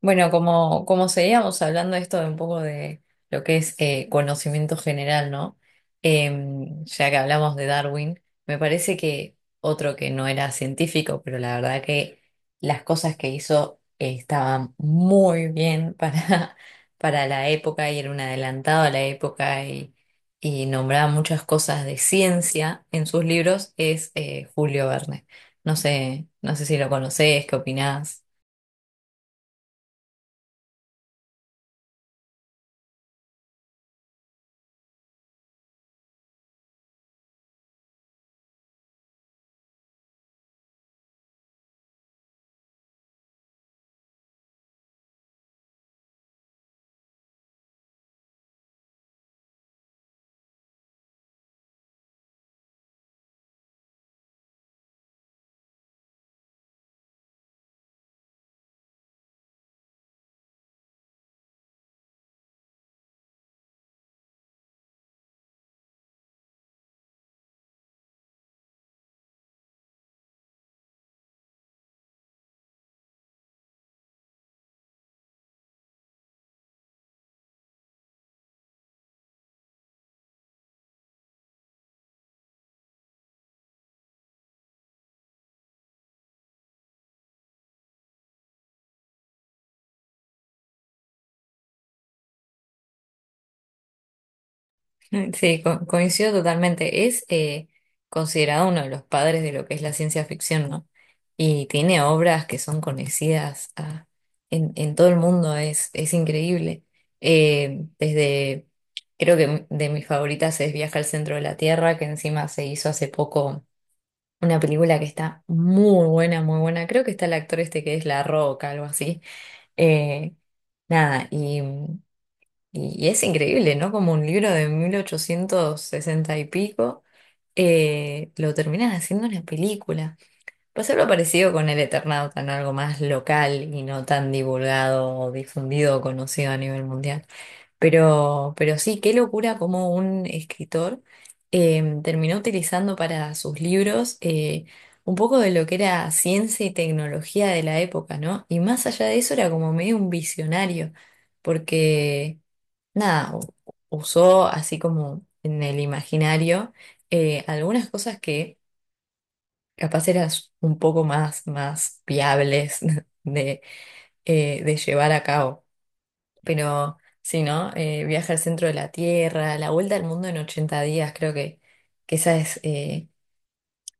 Bueno, como seguíamos hablando esto de un poco de lo que es conocimiento general, ¿no? Ya que hablamos de Darwin, me parece que otro que no era científico, pero la verdad que las cosas que hizo estaban muy bien para, para la época y era un adelantado a la época y nombraba muchas cosas de ciencia en sus libros, es Julio Verne. No sé si lo conocés, qué opinás. Mm, sí, coincido totalmente. Es considerado uno de los padres de lo que es la ciencia ficción, ¿no? Y tiene obras que son conocidas en todo el mundo, es increíble. Eh, desde, creo que de mis favoritas es Viaje al centro de la Tierra, que encima se hizo hace poco una película que está muy buena, muy buena. Creo que está el actor este que es La Roca, algo así. Eh, nada, y... mm, Y es increíble, ¿no? Como un libro de 1860 y pico, lo terminan haciendo una película. Pues algo parecido con El Eternauta, ¿no? Algo más local y no tan divulgado o difundido o conocido a nivel mundial. Pero sí, qué locura como un escritor terminó utilizando para sus libros un poco de lo que era ciencia y tecnología de la época, ¿no? Y más allá de eso era como medio un visionario, porque nada, u- usó así como en el imaginario algunas cosas que capaz eran un poco más, más viables de, de llevar a cabo. Pero sí, ¿no? Viaje al centro de la Tierra, la vuelta al mundo en 80 días, que esa es...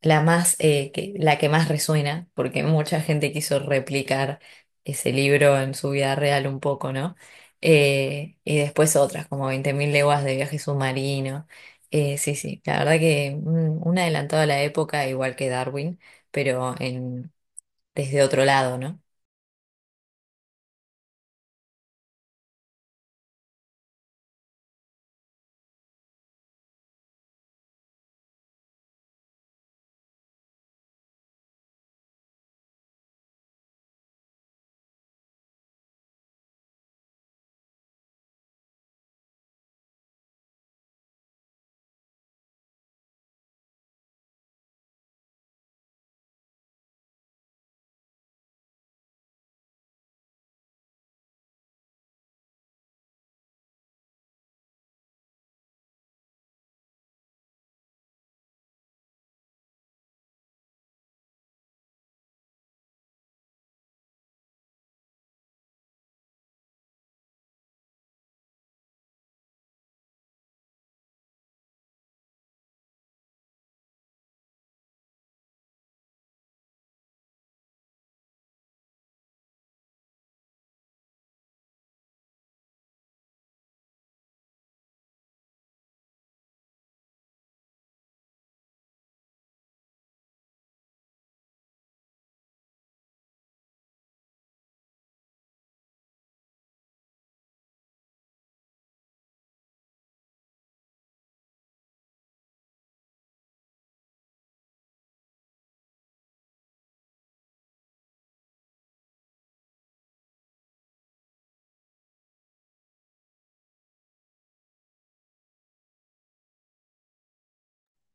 la más, la que más resuena, porque mucha gente quiso replicar ese libro en su vida real un poco, ¿no? Y después otras, como 20.000 leguas de viaje submarino. Sí, sí, la verdad que mm, un adelantado a la época, igual que Darwin, pero desde otro lado, ¿no?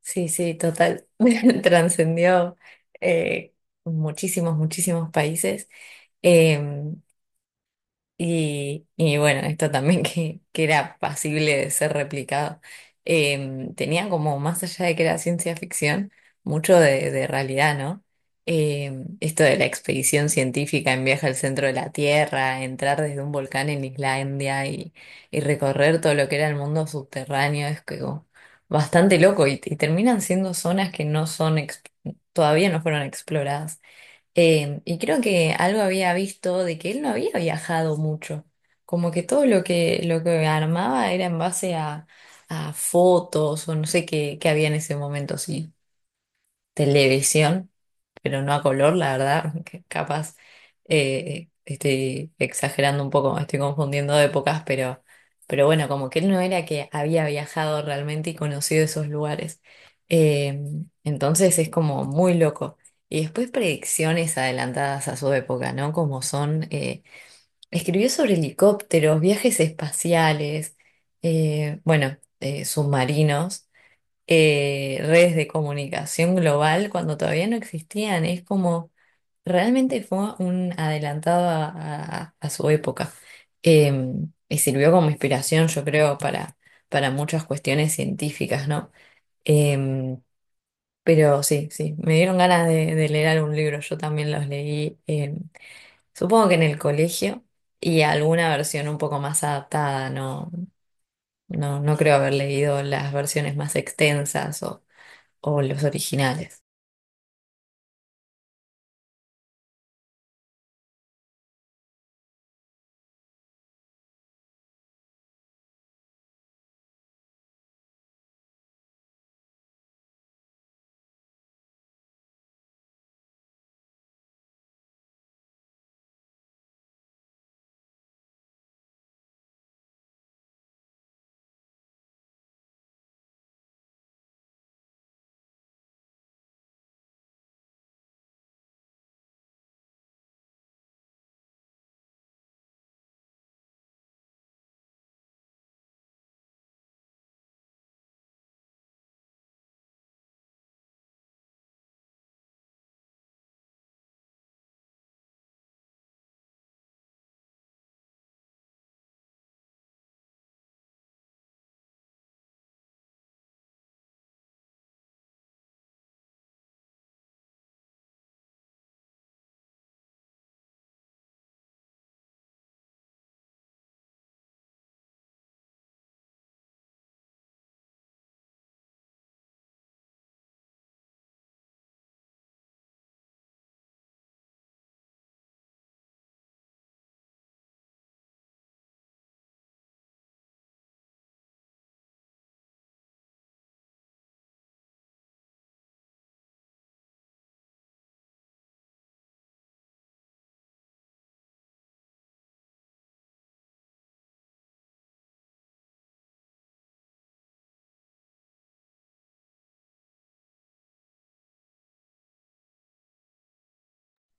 Sí, sí, total. Trascendió eh, muchísimos, muchísimos países. Em, y bueno, esto también que era pasible de ser replicado. Tenía como, más allá de que era ciencia ficción, mucho de realidad, ¿no? Esto de la expedición científica en viaje al centro de la Tierra, entrar desde un volcán en Islandia y recorrer todo lo que era el mundo subterráneo, es que como bastante loco y terminan siendo zonas que no son, todavía no fueron exploradas. Y creo que algo había visto de que él no había viajado mucho, como que todo lo que armaba era en base a fotos o no sé qué, qué había en ese momento, sí, televisión pero no a color, la verdad, que capaz estoy exagerando un poco, estoy confundiendo épocas, pero bueno, como que él no era que había viajado realmente y conocido esos lugares. Eh, entonces es como muy loco. Y después predicciones adelantadas a su época, ¿no? Como son, escribió sobre helicópteros, viajes espaciales, bueno, submarinos redes de comunicación global cuando todavía no existían. Es como, realmente fue un adelantado a su época. Eh, y sirvió como inspiración, yo creo, para muchas cuestiones científicas, ¿no? Eh, pero sí, sí, me dieron ganas de leer algún libro, yo también los leí, supongo que en el colegio. Y alguna versión un poco más adaptada, no, no, no creo haber leído las versiones más extensas o los originales.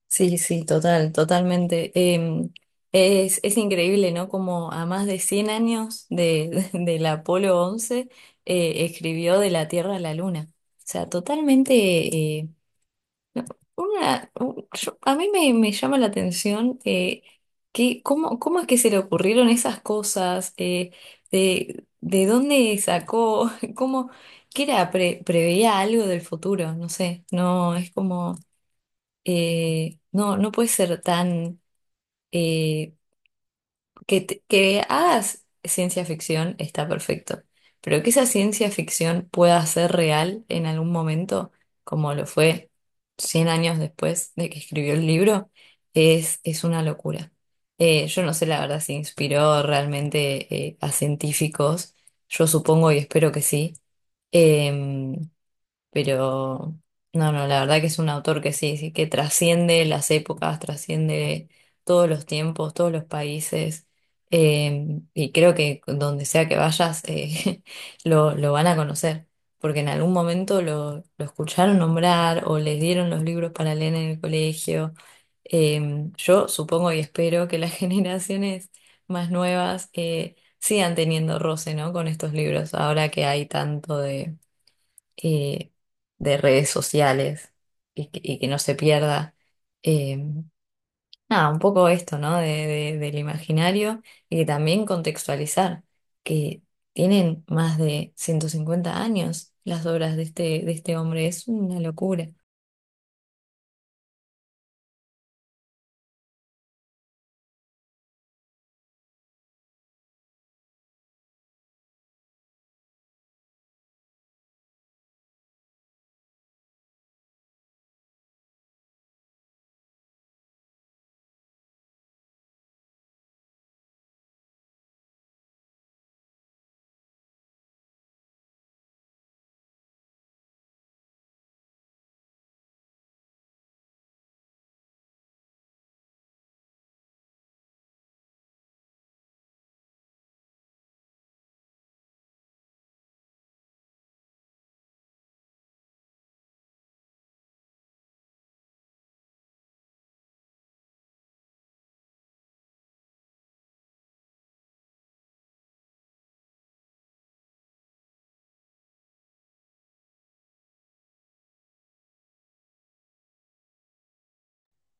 Sí, sí, total, totalmente. Es increíble, ¿no? Como a más de 100 años de, del Apolo 11 escribió de la Tierra a la Luna. O sea, totalmente... eh, a mí me, me llama la atención que cómo, cómo es que se le ocurrieron esas cosas, de dónde sacó, cómo, que era, preveía algo del futuro, no sé, no, es como... no, no puede ser tan... eh, que hagas ciencia ficción está perfecto, pero que esa ciencia ficción pueda ser real en algún momento, como lo fue 100 años después de que escribió el libro, es una locura. Yo no sé la verdad si inspiró realmente a científicos, yo supongo y espero que sí. Em, pero no, no, la verdad que es un autor que sí, sí, que trasciende las épocas, trasciende todos los tiempos, todos los países. Y creo que donde sea que vayas, lo van a conocer, porque en algún momento lo escucharon nombrar o les dieron los libros para leer en el colegio. Yo supongo y espero que las generaciones más nuevas sigan teniendo roce, ¿no? Con estos libros, ahora que hay tanto eh, de redes sociales y que no se pierda. Eh, nada, un poco esto, ¿no? Del imaginario y que también contextualizar que tienen más de 150 años las obras de este hombre. Es una locura.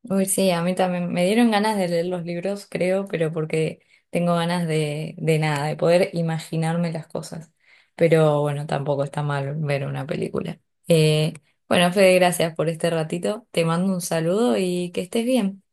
Uy, sí, a mí también me dieron ganas de leer los libros, creo, pero porque tengo ganas de nada, de poder imaginarme las cosas. Pero bueno, tampoco está mal ver una película. Eh, bueno, Fede, gracias por este ratito. Te mando un saludo y que estés bien.